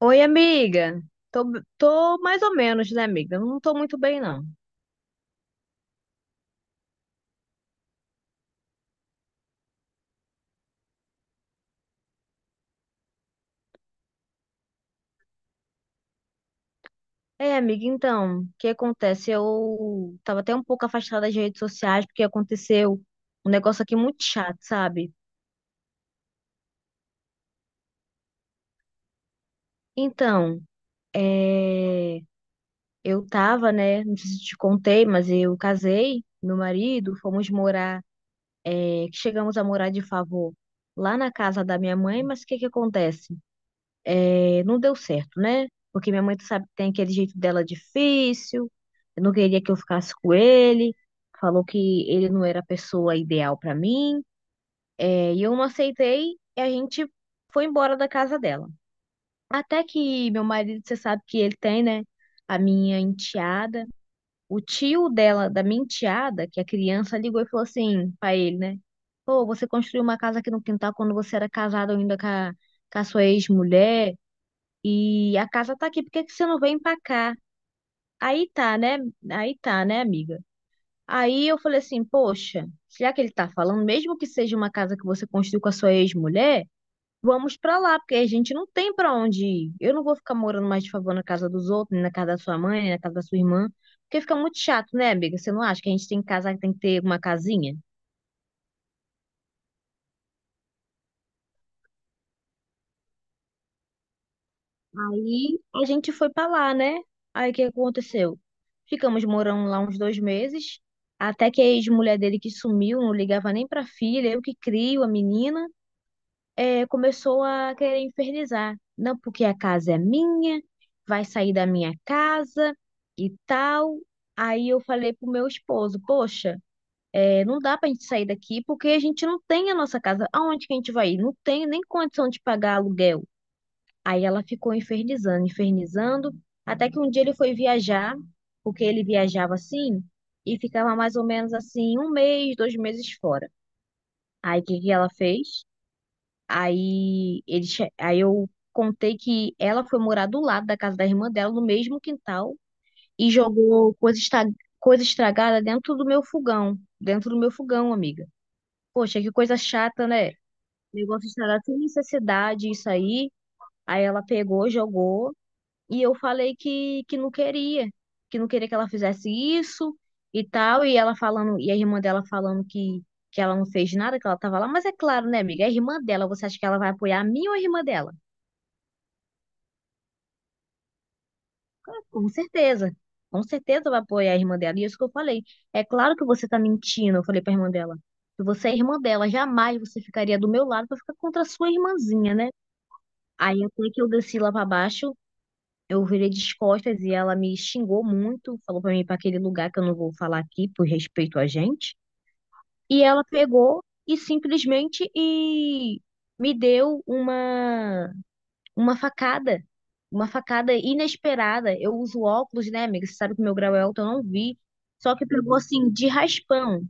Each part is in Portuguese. Oi, amiga. Tô, tô mais ou menos, né, amiga? Não tô muito bem, não. É, amiga, então, o que acontece? Eu tava até um pouco afastada das redes sociais porque aconteceu um negócio aqui muito chato, sabe? Então, é, eu tava, né? Não sei se te contei, mas eu casei, meu marido, fomos morar, é, que chegamos a morar de favor lá na casa da minha mãe, mas o que que acontece? É, não deu certo, né? Porque minha mãe, tu sabe, tem aquele jeito dela difícil, não queria que eu ficasse com ele, falou que ele não era a pessoa ideal pra mim, é, e eu não aceitei, e a gente foi embora da casa dela. Até que meu marido, você sabe que ele tem, né? A minha enteada, o tio dela, da minha enteada, que a criança ligou e falou assim pra ele, né? Pô, você construiu uma casa aqui no quintal quando você era casado ainda com a sua ex-mulher. E a casa tá aqui, por que que você não vem pra cá? Aí tá, né? Aí tá, né, amiga? Aí eu falei assim, poxa, já que ele tá falando, mesmo que seja uma casa que você construiu com a sua ex-mulher, vamos pra lá, porque a gente não tem pra onde ir. Eu não vou ficar morando mais de favor na casa dos outros, nem na casa da sua mãe, nem na casa da sua irmã, porque fica muito chato, né, amiga? Você não acha que a gente tem casa, tem que ter uma casinha? Aí a gente foi pra lá, né? Aí o que aconteceu? Ficamos morando lá uns 2 meses, até que a ex-mulher dele que sumiu, não ligava nem pra filha, eu que crio a menina, começou a querer infernizar. Não, porque a casa é minha, vai sair da minha casa e tal. Aí eu falei pro meu esposo, poxa, não dá pra gente sair daqui porque a gente não tem a nossa casa. Aonde que a gente vai ir? Não tem nem condição de pagar aluguel. Aí ela ficou infernizando, infernizando, até que um dia ele foi viajar, porque ele viajava assim, e ficava mais ou menos assim, 1 mês, 2 meses fora. Aí o que que ela fez? Aí eu contei que ela foi morar do lado da casa da irmã dela, no mesmo quintal, e jogou coisa, coisa estragada dentro do meu fogão. Dentro do meu fogão, amiga. Poxa, que coisa chata, né? Negócio estragado sem necessidade, isso aí. Aí ela pegou, jogou. E eu falei que não queria que ela fizesse isso e tal. E ela falando, e a irmã dela falando que ela não fez nada, que ela tava lá. Mas é claro, né, amiga? É a irmã dela, você acha que ela vai apoiar a mim ou a irmã dela? Com certeza. Com certeza vai apoiar a irmã dela. E é isso que eu falei. É claro que você tá mentindo, eu falei pra irmã dela. Que você é irmã dela, jamais você ficaria do meu lado pra ficar contra a sua irmãzinha, né? Aí até que eu desci lá pra baixo. Eu virei de costas e ela me xingou muito, falou pra mim ir pra aquele lugar que eu não vou falar aqui por respeito a gente. E ela pegou e simplesmente me deu uma facada, uma facada inesperada. Eu uso óculos, né, amiga? Você sabe que meu grau é alto, eu não vi. Só que pegou assim de raspão.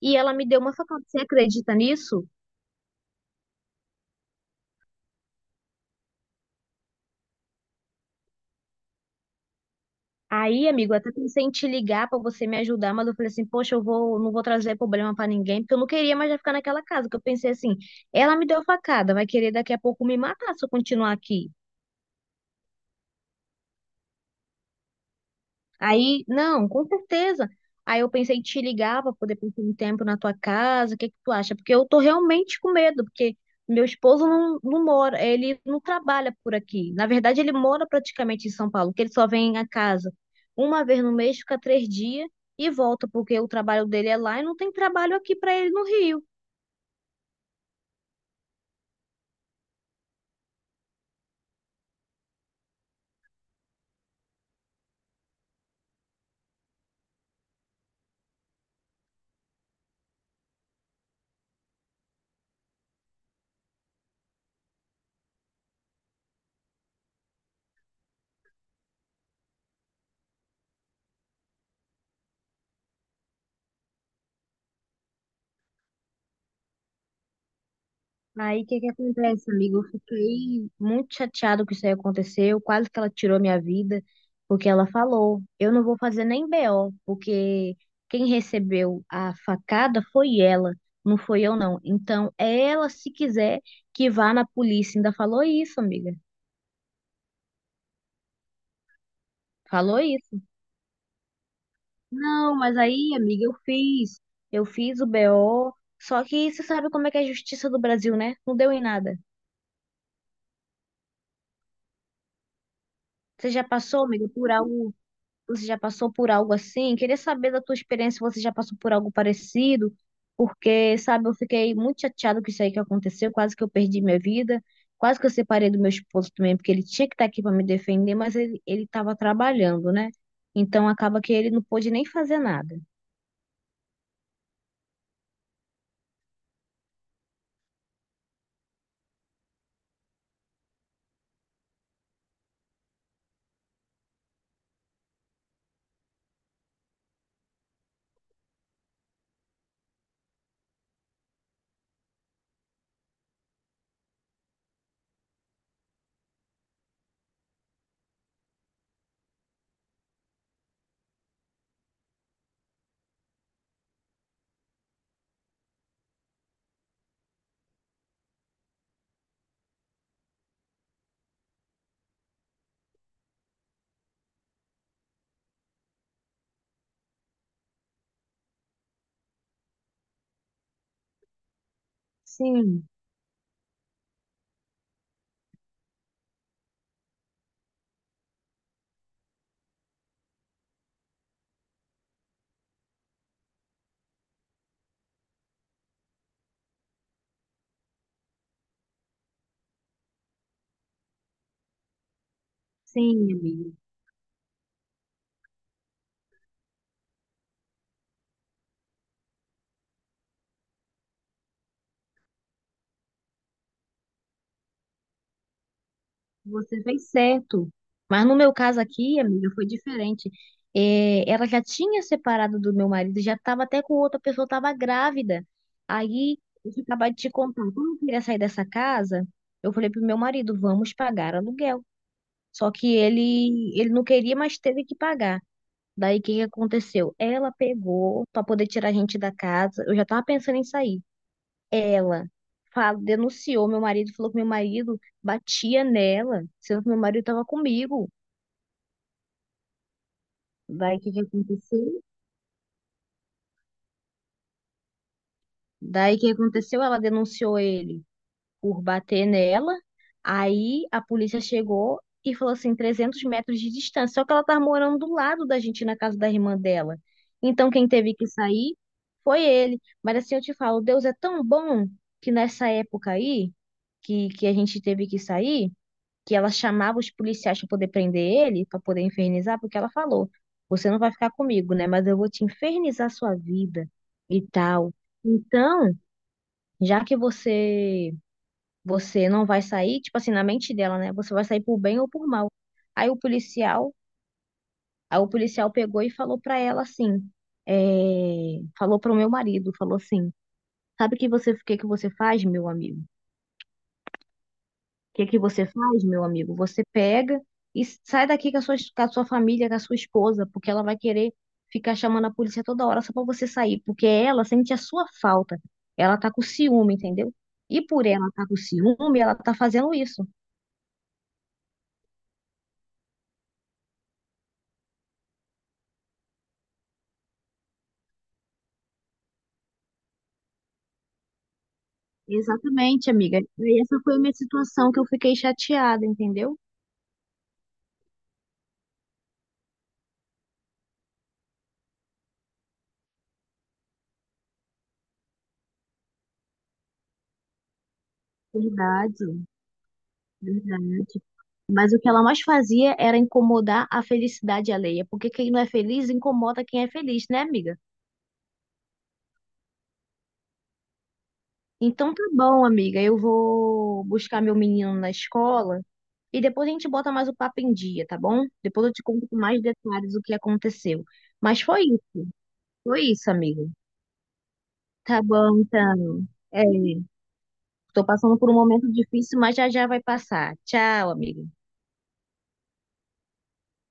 E ela me deu uma facada. Você acredita nisso? Aí, amigo, eu até pensei em te ligar pra você me ajudar, mas eu falei assim, poxa, não vou trazer problema pra ninguém, porque eu não queria mais já ficar naquela casa. Porque eu pensei assim, ela me deu facada, vai querer daqui a pouco me matar se eu continuar aqui. Aí, não, com certeza. Aí eu pensei em te ligar para poder passar um tempo na tua casa, o que que tu acha? Porque eu tô realmente com medo, porque meu esposo não mora, ele não trabalha por aqui. Na verdade, ele mora praticamente em São Paulo, porque ele só vem a casa uma vez no mês, fica 3 dias e volta, porque o trabalho dele é lá e não tem trabalho aqui para ele no Rio. Aí, o que que acontece, amigo? Eu fiquei muito chateado que isso aí aconteceu, quase que ela tirou minha vida, porque ela falou, eu não vou fazer nem BO, porque quem recebeu a facada foi ela, não foi eu não. Então, é ela, se quiser, que vá na polícia. Ainda falou isso, amiga. Falou isso. Não, mas aí, amiga, eu fiz. Eu fiz o BO, só que você sabe como é que é a justiça do Brasil, né? Não deu em nada. Você já passou, amiga, por algo. Você já passou por algo assim? Queria saber da tua experiência, se você já passou por algo parecido, porque, sabe, eu fiquei muito chateada com isso aí que aconteceu, quase que eu perdi minha vida, quase que eu separei do meu esposo também, porque ele tinha que estar aqui para me defender, mas ele estava trabalhando, né? Então acaba que ele não pôde nem fazer nada. Sim, sim, amiga. Você fez certo. Mas no meu caso aqui, amiga, foi diferente. É, ela já tinha separado do meu marido, já estava até com outra pessoa, estava grávida. Aí, eu acabava de te contar, quando eu queria sair dessa casa, eu falei pro meu marido, vamos pagar aluguel. Só que ele não queria, mas teve que pagar. Daí, o que que aconteceu? Ela pegou para poder tirar a gente da casa. Eu já estava pensando em sair. Ela fala, denunciou meu marido, falou que meu marido batia nela, sendo que meu marido estava comigo. Daí o que que aconteceu? Daí o que aconteceu? Ela denunciou ele por bater nela. Aí a polícia chegou e falou assim, 300 metros de distância. Só que ela estava morando do lado da gente, na casa da irmã dela. Então quem teve que sair foi ele. Mas assim eu te falo, Deus é tão bom que nessa época aí, que a gente teve que sair, que ela chamava os policiais para poder prender ele, para poder infernizar, porque ela falou: você não vai ficar comigo, né? Mas eu vou te infernizar sua vida e tal. Então, já que você não vai sair, tipo assim, na mente dela, né? Você vai sair por bem ou por mal. Aí o policial, aí o policial pegou e falou para ela assim, falou para o meu marido, falou assim, sabe que você, o que que você faz, meu amigo? O que que você faz, meu amigo? Você pega e sai daqui com a sua, família, com a sua esposa, porque ela vai querer ficar chamando a polícia toda hora só para você sair, porque ela sente a sua falta. Ela tá com ciúme, entendeu? E por ela tá com ciúme, ela tá fazendo isso. Exatamente, amiga. E essa foi a minha situação que eu fiquei chateada, entendeu? Verdade, verdade. Mas o que ela mais fazia era incomodar a felicidade alheia, porque quem não é feliz incomoda quem é feliz, né, amiga? Então tá bom, amiga. Eu vou buscar meu menino na escola e depois a gente bota mais o papo em dia, tá bom? Depois eu te conto com mais detalhes o que aconteceu. Mas foi isso, amiga. Tá bom, então. É, tô passando por um momento difícil, mas já já vai passar. Tchau, amiga.